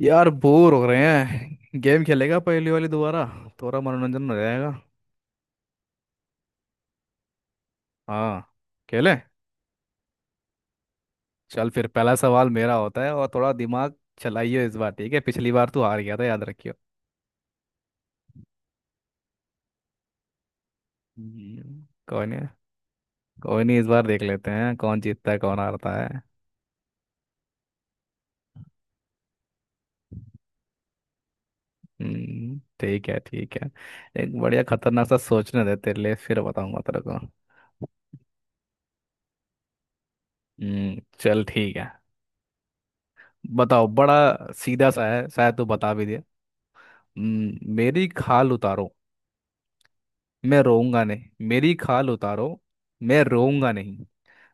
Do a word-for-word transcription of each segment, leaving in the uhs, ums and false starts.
यार बोर हो रहे हैं। गेम खेलेगा? पहली वाली दोबारा, थोड़ा मनोरंजन हो जाएगा। हाँ, खेलें। चल फिर पहला सवाल मेरा होता है, और थोड़ा दिमाग चलाइए इस बार। ठीक है, पिछली बार तू हार गया था, याद रखियो। हम्म, कोई नहीं। कोई नहीं, इस बार देख लेते हैं कौन जीतता है, कौन हारता है। हम्म, ठीक है ठीक है। एक बढ़िया खतरनाक सा सोचने दे तेरे लिए, फिर बताऊंगा तेरे को। हम्म, चल ठीक है। बताओ, बड़ा सीधा सा है, शायद तू बता भी दे। हम्म, मेरी खाल उतारो, मैं रोऊंगा नहीं। मेरी खाल उतारो, मैं रोऊंगा नहीं,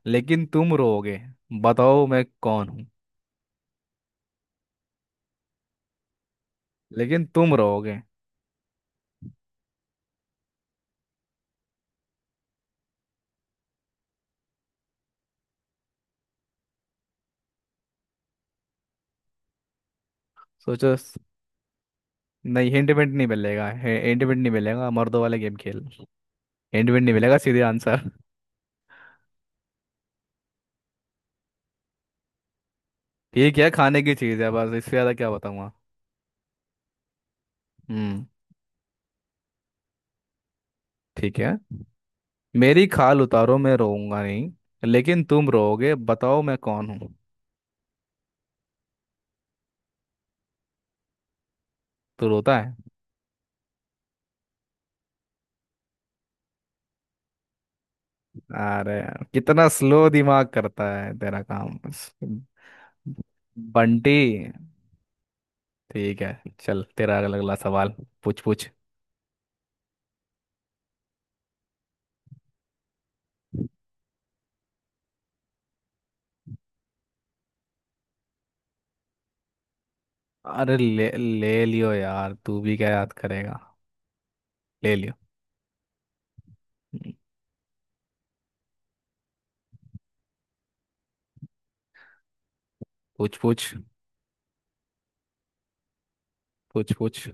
लेकिन तुम रोओगे। बताओ मैं कौन हूँ? लेकिन तुम रोओगे। सोचो स- नहीं, हिंट विंट नहीं मिलेगा। हिंट विंट नहीं मिलेगा, मर्दों वाला गेम खेल। हिंट विंट नहीं मिलेगा, सीधे आंसर। ठीक है, खाने की चीज़ है, बस इससे ज़्यादा क्या बताऊंगा। हम्म। ठीक है, मेरी खाल उतारो मैं रोऊंगा नहीं, लेकिन तुम रोओगे। बताओ मैं कौन हूँ? तो रोता है। अरे यार, कितना स्लो दिमाग करता है तेरा काम। बंटी। ठीक है चल, तेरा अगला अगला सवाल। पूछ पूछ। अरे ले ले लियो यार, तू भी क्या याद करेगा। ले लियो। हम्म, पूछ पूछ। पूछ पूछ।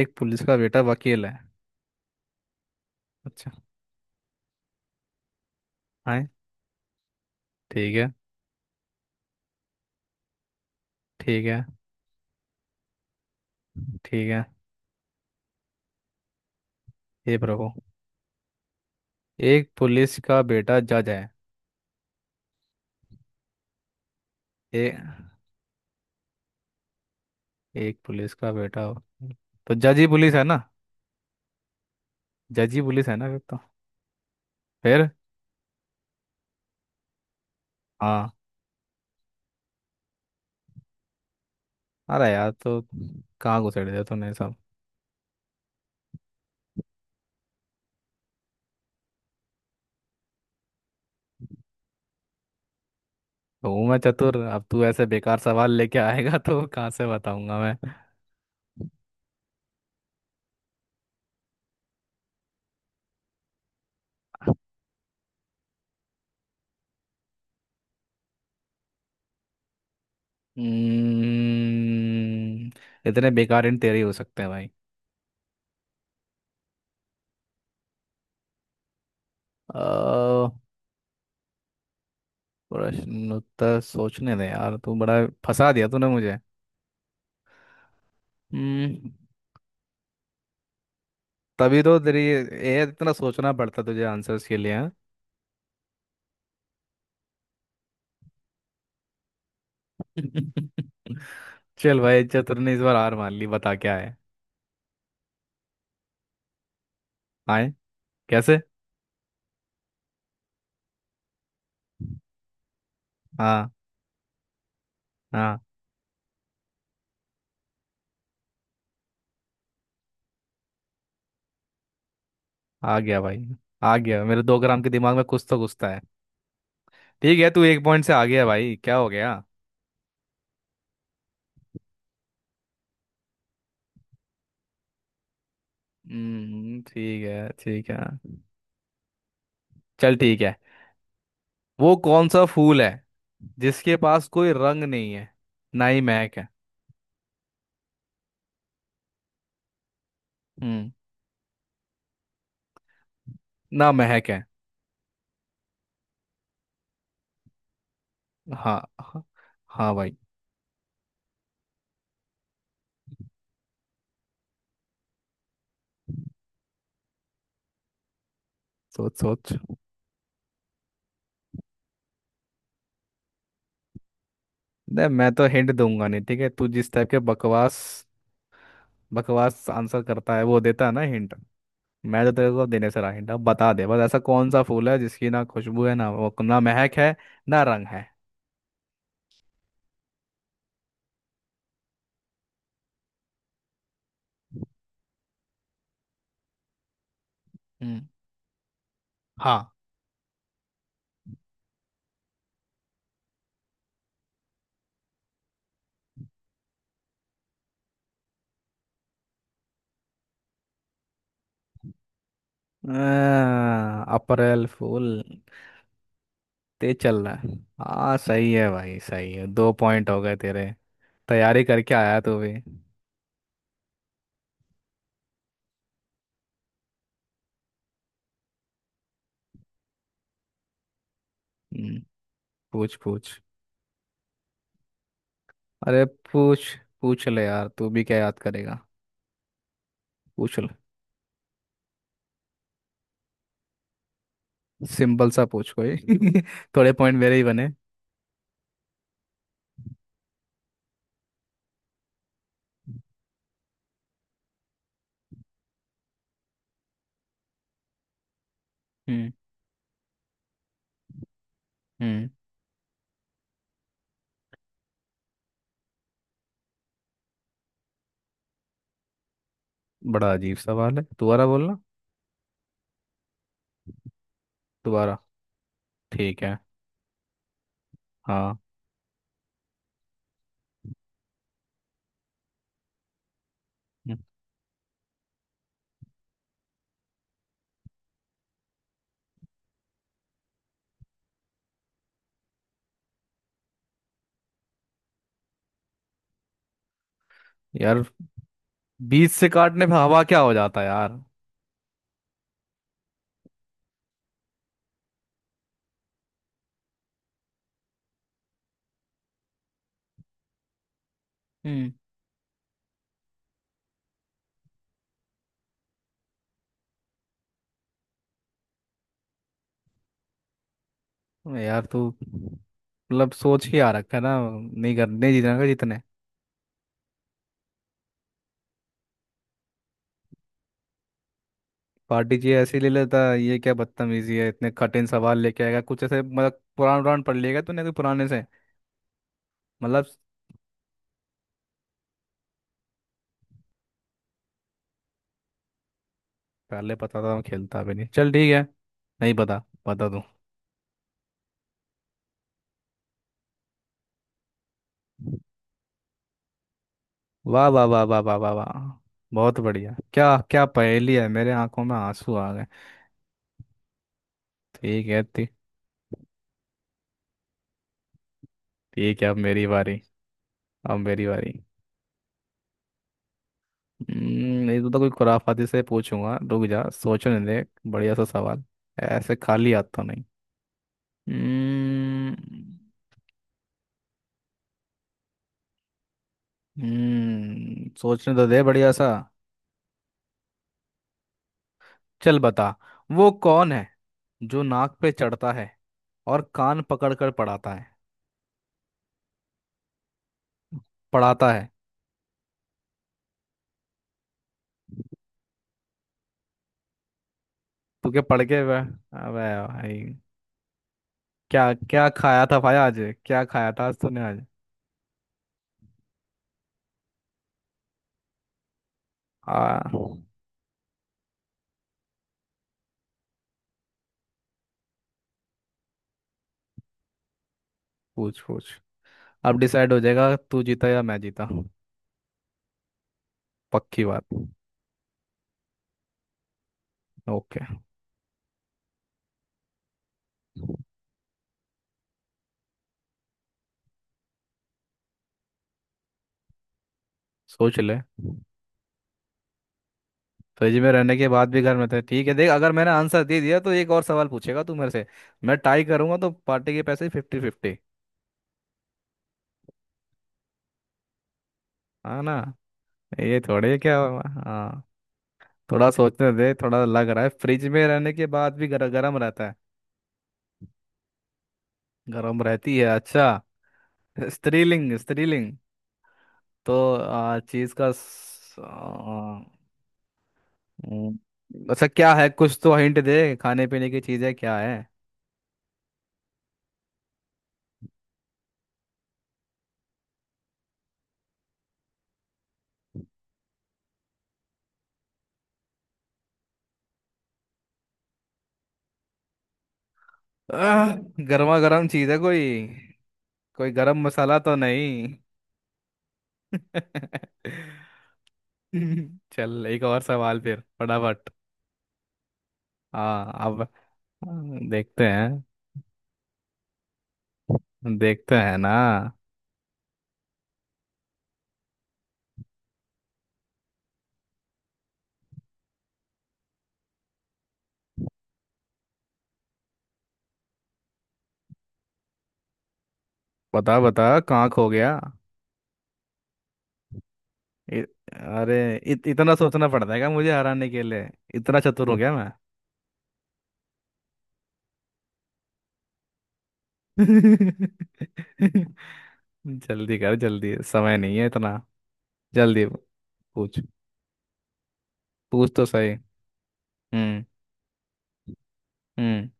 एक पुलिस का बेटा वकील है। अच्छा। है। ठीक है। ठीक है। ठीक है। हे प्रभु। एक पुलिस का बेटा जज है। ए, एक पुलिस का बेटा वकील। तो जज ही पुलिस है ना। जज ही पुलिस है ना फिर तो। फिर। हाँ। अरे यार तो, कहाँ घुसेड़ दिया तूने सब। हूँ मैं चतुर, अब तू ऐसे बेकार सवाल लेके आएगा तो कहाँ से बताऊंगा मैं। हम्म, इतने बेकार इन तेरे ही हो सकते हैं भाई। अ, प्रश्न उत्तर सोचने दे यार, तू बड़ा फंसा दिया तूने मुझे। हम्म, तभी तो तेरी ये इतना सोचना पड़ता तुझे आंसर्स के लिए, हाँ? चल भाई, चतुर ने इस बार हार मान ली, बता क्या है। आए। कैसे? हाँ हाँ। आ गया भाई। आ गया, मेरे दो ग्राम के दिमाग में कुछ तो घुसता है। ठीक है, तू एक पॉइंट से आ गया भाई, क्या हो गया। हम्म। ठीक है ठीक है। चल ठीक है। वो कौन सा फूल है जिसके पास कोई रंग नहीं है, ना ही महक है। हम्म। ना महक है। हाँ हाँ। हाँ भाई। सोच सोच। नहीं, मैं तो हिंट दूंगा नहीं। ठीक है, तू जिस टाइप के बकवास बकवास आंसर करता है, वो देता है ना हिंट। मैं तो तेरे को देने से रहा हिंट। अब बता दे बस, ऐसा कौन सा फूल है जिसकी ना खुशबू है, ना वो ना महक है, ना रंग है। हम्म। हाँ। आ, अप्रैल फूल। ते चल रहा है। हाँ सही है भाई, सही है, दो पॉइंट हो गए तेरे। तैयारी करके आया तू भी। हम्म, पूछ पूछ। अरे पूछ पूछ ले यार, तू भी क्या याद करेगा। पूछ ले। सिंपल सा पूछ कोई। थोड़े पॉइंट मेरे ही बने। हम्म। हम्म। बड़ा अजीब सवाल है, दोबारा बोलना। दोबारा। ठीक है। हाँ। हम्म। यार, बीच से काटने पे हवा क्या हो जाता है यार। हम्म। यार तू मतलब सोच ही आ रखा है ना, नहीं कर नहीं जीतना का जीतने। पार्टी जी ऐसे ही ले लेता है, ये क्या बदतमीजी है, इतने कठिन सवाल लेके आएगा कुछ ऐसे, मतलब पुराण पुराण पढ़ लिएगा तूने कोई पुराने से। मतलब, पहले पता था मैं खेलता भी नहीं। चल ठीक है, नहीं पता, बता दूं। वाह वाह वाह वाह वाह वाह वाह। बहुत बढ़िया, क्या क्या पहेली है, मेरे आंखों में आंसू आ गए। ठीक है, ठीक। ठीक है, अब मेरी बारी। अब मेरी बारी। हम्म, ये तो, तो कोई खुराफाती से पूछूंगा, रुक जा सोचने दे। बढ़िया सा सवाल। ऐसे खाली हाथ तो नहीं। हम्म। हम्म, सोचने तो दे, बढ़िया सा। चल बता। वो कौन है जो नाक पे चढ़ता है और कान पकड़ कर पढ़ाता है? पढ़ाता है। तू क्या पढ़ के वे- अबे भाई, क्या क्या खाया था भाई आज। क्या खाया था आज तूने आज। आ पूछ पूछ। अब डिसाइड हो जाएगा, तू जीता या मैं जीता। पक्की बात। ओके। सोच ले। फ्रिज में रहने के बाद भी घर में थे। ठीक है देख, अगर मैंने आंसर दे दिया तो एक और सवाल पूछेगा तू मेरे से। मैं टाई करूंगा तो पार्टी के पैसे फिफ्टी फिफ्टी। हाँ ना। ये थोड़े क्या हुआ? हाँ। थोड़ा सोचने दे, थोड़ा लग रहा है फ्रिज में रहने के बाद भी गर, गर्म रहता है। गर्म रहती है, अच्छा। स्त्रीलिंग स्त्रीलिंग। तो आ, चीज का स- आ, हम्म, अच्छा क्या है, कुछ तो हिंट दे, खाने पीने की चीजें क्या है। आह, गर्मा गर्म चीज है कोई। कोई गरम मसाला तो नहीं? चल एक और सवाल फिर फटाफट। हाँ अब। हाँ, देखते हैं। देखते हैं ना। बता बता, कहाँ खो गया। इ, अरे इत, इतना सोचना पड़ता है क्या मुझे हराने के लिए? इतना चतुर हो गया मैं। जल्दी कर जल्दी, समय नहीं है इतना। जल्दी। पूछ, पूछ तो सही। हम्म। हम्म।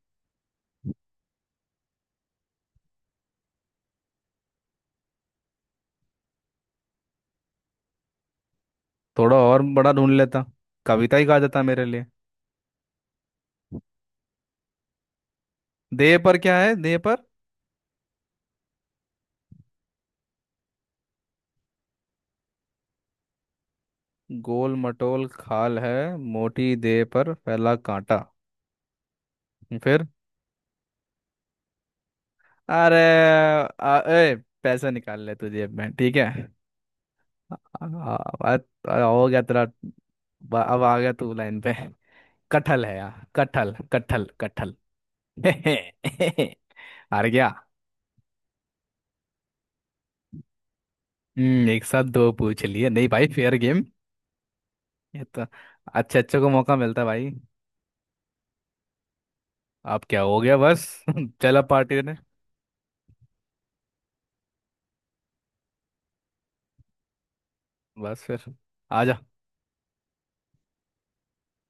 थोड़ा और बड़ा ढूंढ लेता, कविता ही गा देता मेरे लिए। देह पर क्या है देह पर? गोल मटोल खाल है मोटी, देह पर फैला कांटा। फिर। अरे। आ, ए, पैसे निकाल ले तू जेब में, ठीक है? आ, आ, आ, हो गया तेरा। ब- अब आ गया तू लाइन पे। कटहल है यार, कटहल कटहल कटहल। हार गया। हम्म, एक साथ दो पूछ लिए? नहीं भाई, फेयर गेम। ये तो, अच्छे अच्छे को मौका मिलता है भाई। आप क्या हो गया बस। चला पार्टी ने। बस फिर, आजा।